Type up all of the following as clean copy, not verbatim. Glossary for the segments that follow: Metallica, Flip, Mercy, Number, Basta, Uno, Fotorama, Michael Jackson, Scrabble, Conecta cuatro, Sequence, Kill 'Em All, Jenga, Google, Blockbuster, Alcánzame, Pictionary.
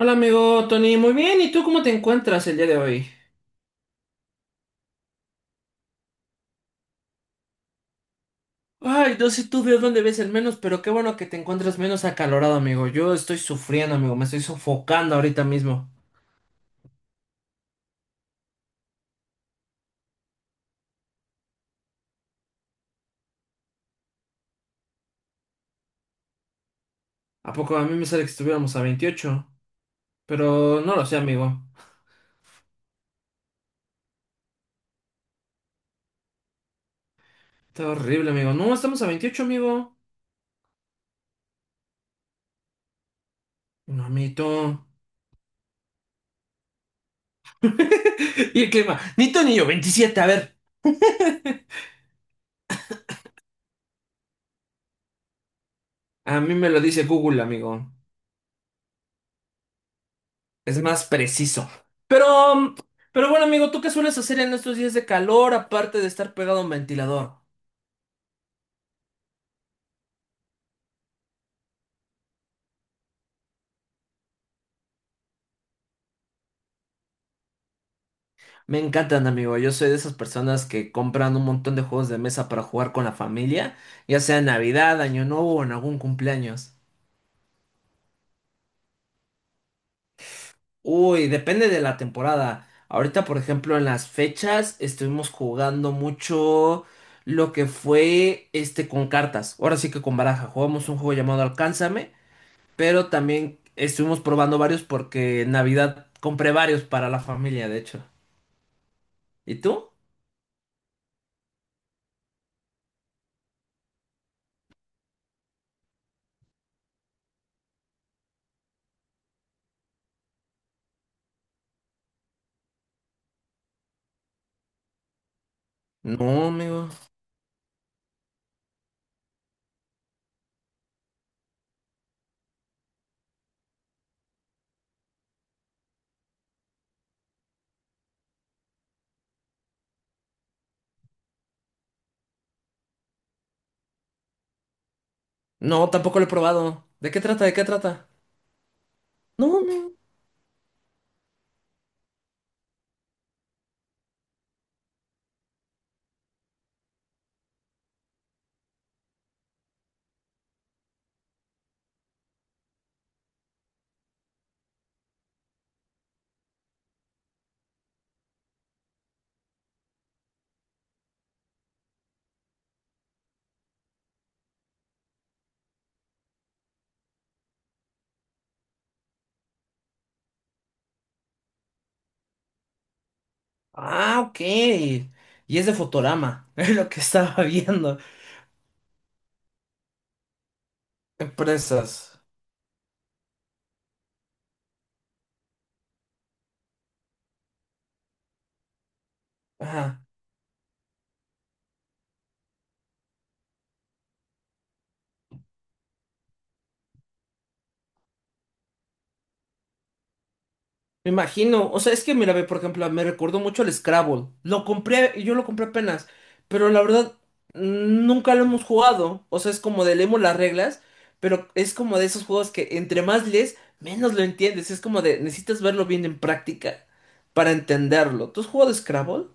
Hola amigo Tony, muy bien, ¿y tú cómo te encuentras el día de hoy? Ay, no sé tú de dónde ves el menos, pero qué bueno que te encuentras menos acalorado, amigo. Yo estoy sufriendo, amigo, me estoy sofocando ahorita mismo. ¿A poco a mí me sale que estuviéramos a 28? Pero no lo sé, amigo. Está horrible, amigo. No, estamos a 28, amigo. No, amito. ¿Y el clima? Ni tú ni yo, 27. A ver. A mí me lo dice Google, amigo. Es más preciso. Pero, mm, pero, bueno, amigo, ¿tú qué sueles hacer en estos días de calor aparte de estar pegado a un ventilador? Me encantan, amigo. Yo soy de esas personas que compran un montón de juegos de mesa para jugar con la familia, ya sea en Navidad, Año Nuevo o en algún cumpleaños. Uy, depende de la temporada. Ahorita, por ejemplo, en las fechas estuvimos jugando mucho lo que fue este con cartas. Ahora sí que con baraja. Jugamos un juego llamado Alcánzame, pero también estuvimos probando varios porque en Navidad compré varios para la familia, de hecho. ¿Y tú? No, amigo. No, tampoco lo he probado. ¿De qué trata? ¿De qué trata? No, amigo. Ah, ok. Y es de Fotorama. Es lo que estaba viendo. Empresas. Ajá. Me imagino, o sea, es que mira, ve, por ejemplo, me recordó mucho al Scrabble. Lo compré, yo lo compré apenas, pero la verdad nunca lo hemos jugado. O sea, es como de leemos las reglas, pero es como de esos juegos que entre más lees, menos lo entiendes. Es como de necesitas verlo bien en práctica para entenderlo. ¿Tú has jugado Scrabble?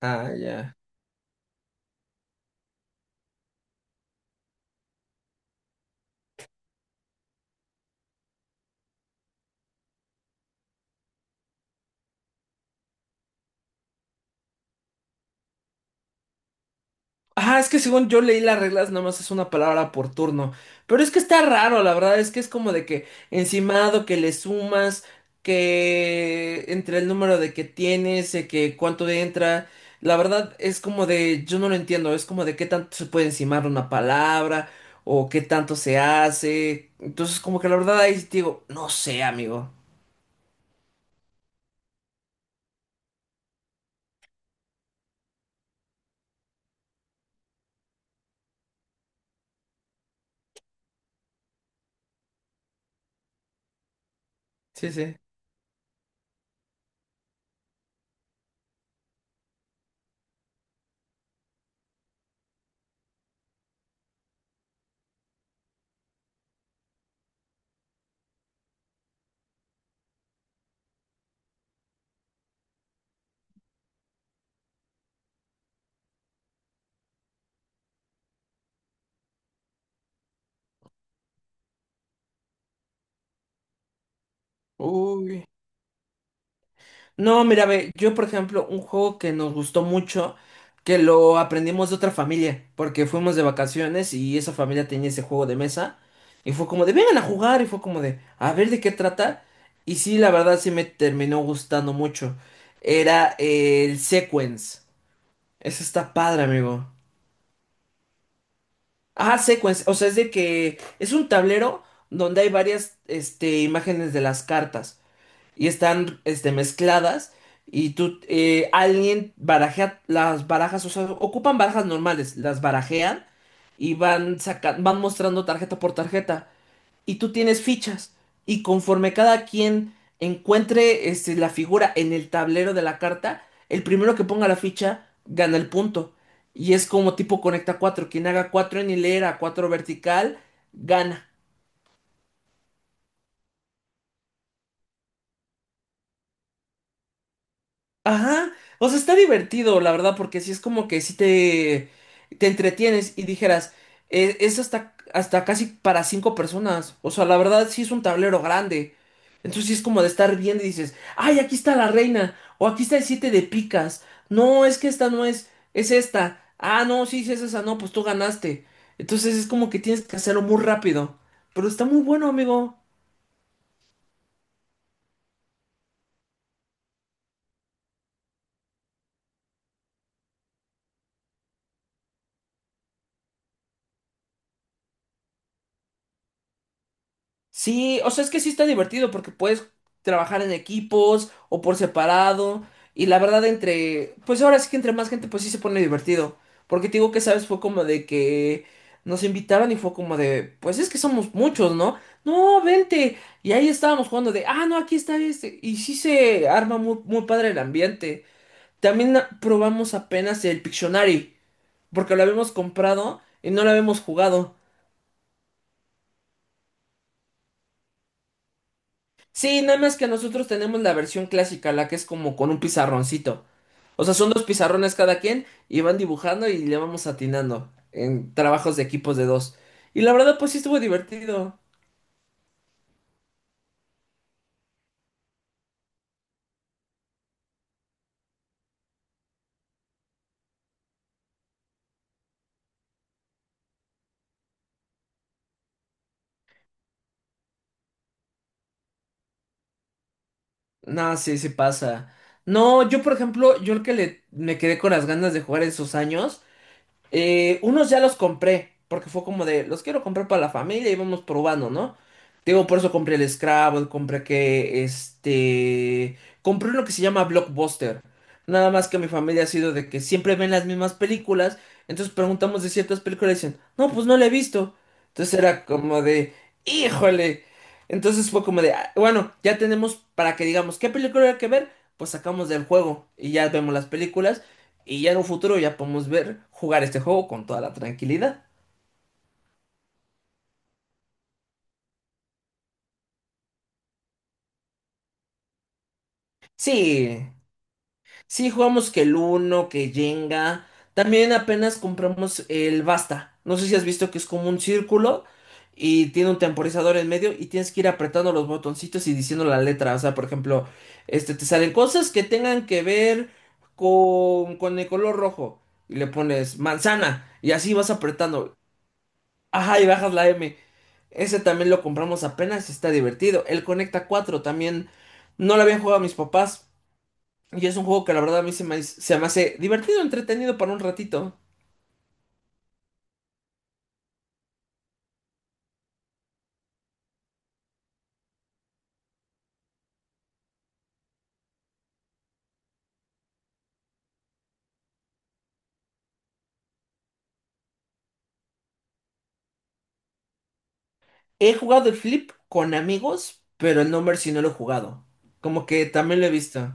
Ah, ya. Ah, es que según yo leí las reglas, nada más es una palabra por turno. Pero es que está raro, la verdad, es que es como de que encimado, que le sumas, que entre el número de que tienes, que cuánto entra. La verdad es como de, yo no lo entiendo, es como de qué tanto se puede encimar una palabra o qué tanto se hace. Entonces, como que la verdad ahí sí te digo, no sé, amigo. Sí, sí. Uy. No, mira, ve, yo por ejemplo, un juego que nos gustó mucho, que lo aprendimos de otra familia, porque fuimos de vacaciones y esa familia tenía ese juego de mesa, y fue como de, vengan a jugar, y fue como de, a ver de qué trata, y sí, la verdad sí me terminó gustando mucho. Era el Sequence. Ese está padre, amigo. Ah, Sequence, o sea, es de que es un tablero donde hay varias, este, imágenes de las cartas y están este, mezcladas y tú, alguien barajea las barajas, o sea, ocupan barajas normales, las barajean y van mostrando tarjeta por tarjeta y tú tienes fichas y conforme cada quien encuentre este, la figura en el tablero de la carta, el primero que ponga la ficha gana el punto. Y es como tipo conecta cuatro, quien haga cuatro en hilera, cuatro vertical, gana. Ajá, o sea, está divertido, la verdad, porque sí es como que sí te entretienes y dijeras, "Es hasta casi para cinco personas, o sea, la verdad sí es un tablero grande, entonces sí es como de estar viendo y dices, ay, aquí está la reina, o aquí está el siete de picas, no, es que esta no es, es esta, ah, no, sí, sí es esa, no, pues tú ganaste, entonces es como que tienes que hacerlo muy rápido, pero está muy bueno, amigo. Sí, o sea, es que sí está divertido porque puedes trabajar en equipos o por separado. Y la verdad, entre, pues ahora sí que entre más gente, pues sí se pone divertido. Porque te digo que, ¿sabes? Fue como de que nos invitaron y fue como de, pues es que somos muchos, ¿no? No, vente. Y ahí estábamos jugando de, ah, no, aquí está este. Y sí se arma muy, muy padre el ambiente. También probamos apenas el Pictionary, porque lo habíamos comprado y no lo habíamos jugado. Sí, nada más que nosotros tenemos la versión clásica, la que es como con un pizarroncito. O sea, son dos pizarrones cada quien y van dibujando y le vamos atinando en trabajos de equipos de dos. Y la verdad, pues sí estuvo divertido. No, sí, sí pasa. No, yo por ejemplo, yo el que le, me quedé con las ganas de jugar en esos años. Unos ya los compré, porque fue como de, los quiero comprar para la familia y vamos probando, ¿no? Te digo, por eso compré el Scrabble, compré uno que se llama Blockbuster. Nada más que mi familia ha sido de que siempre ven las mismas películas, entonces preguntamos de ciertas películas y dicen, no, pues no la he visto. Entonces era como de, híjole. Entonces fue como de, "Ah, bueno, ya tenemos para que digamos, ¿qué película hay que ver? Pues sacamos del juego y ya vemos las películas. Y ya en un futuro ya podemos ver jugar este juego con toda la tranquilidad. Sí, sí jugamos que el Uno, que Jenga. También apenas compramos el Basta. No sé si has visto que es como un círculo y tiene un temporizador en medio y tienes que ir apretando los botoncitos y diciendo la letra. O sea, por ejemplo, este te salen cosas que tengan que ver con el color rojo. Y le pones manzana y así vas apretando. Ajá, y bajas la M. Ese también lo compramos apenas, y está divertido. El Conecta cuatro también no lo habían jugado mis papás. Y es un juego que la verdad a mí se me hace divertido, entretenido para un ratito. He jugado el Flip con amigos, pero el Number sí no lo he jugado. Como que también lo he visto.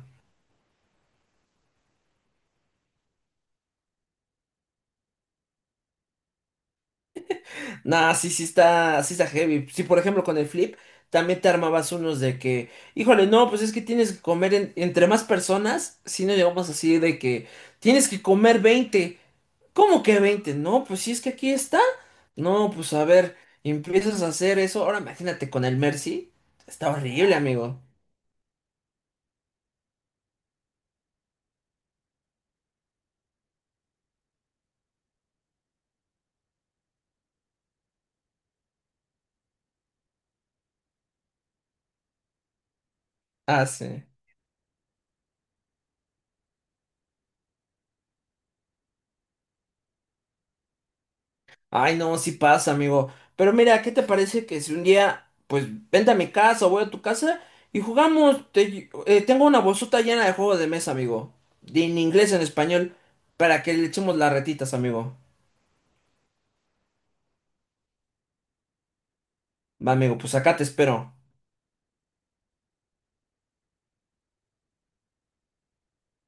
Nah, sí, sí está heavy. Sí, por ejemplo, con el Flip también te armabas unos de que, híjole, no, pues es que tienes que comer entre más personas, si no llegamos así de que tienes que comer 20. ¿Cómo que 20? No, pues si es que aquí está. No, pues a ver, empiezas a hacer eso. Ahora imagínate con el Mercy. Está horrible, amigo. Ah, sí. Ay, no, sí pasa, amigo. Pero mira, ¿qué te parece que si un día, pues vente a mi casa o voy a tu casa y jugamos? Te tengo una bolsota llena de juegos de mesa, amigo. En inglés, en español, para que le echemos las retitas, amigo. Va, amigo, pues acá te espero.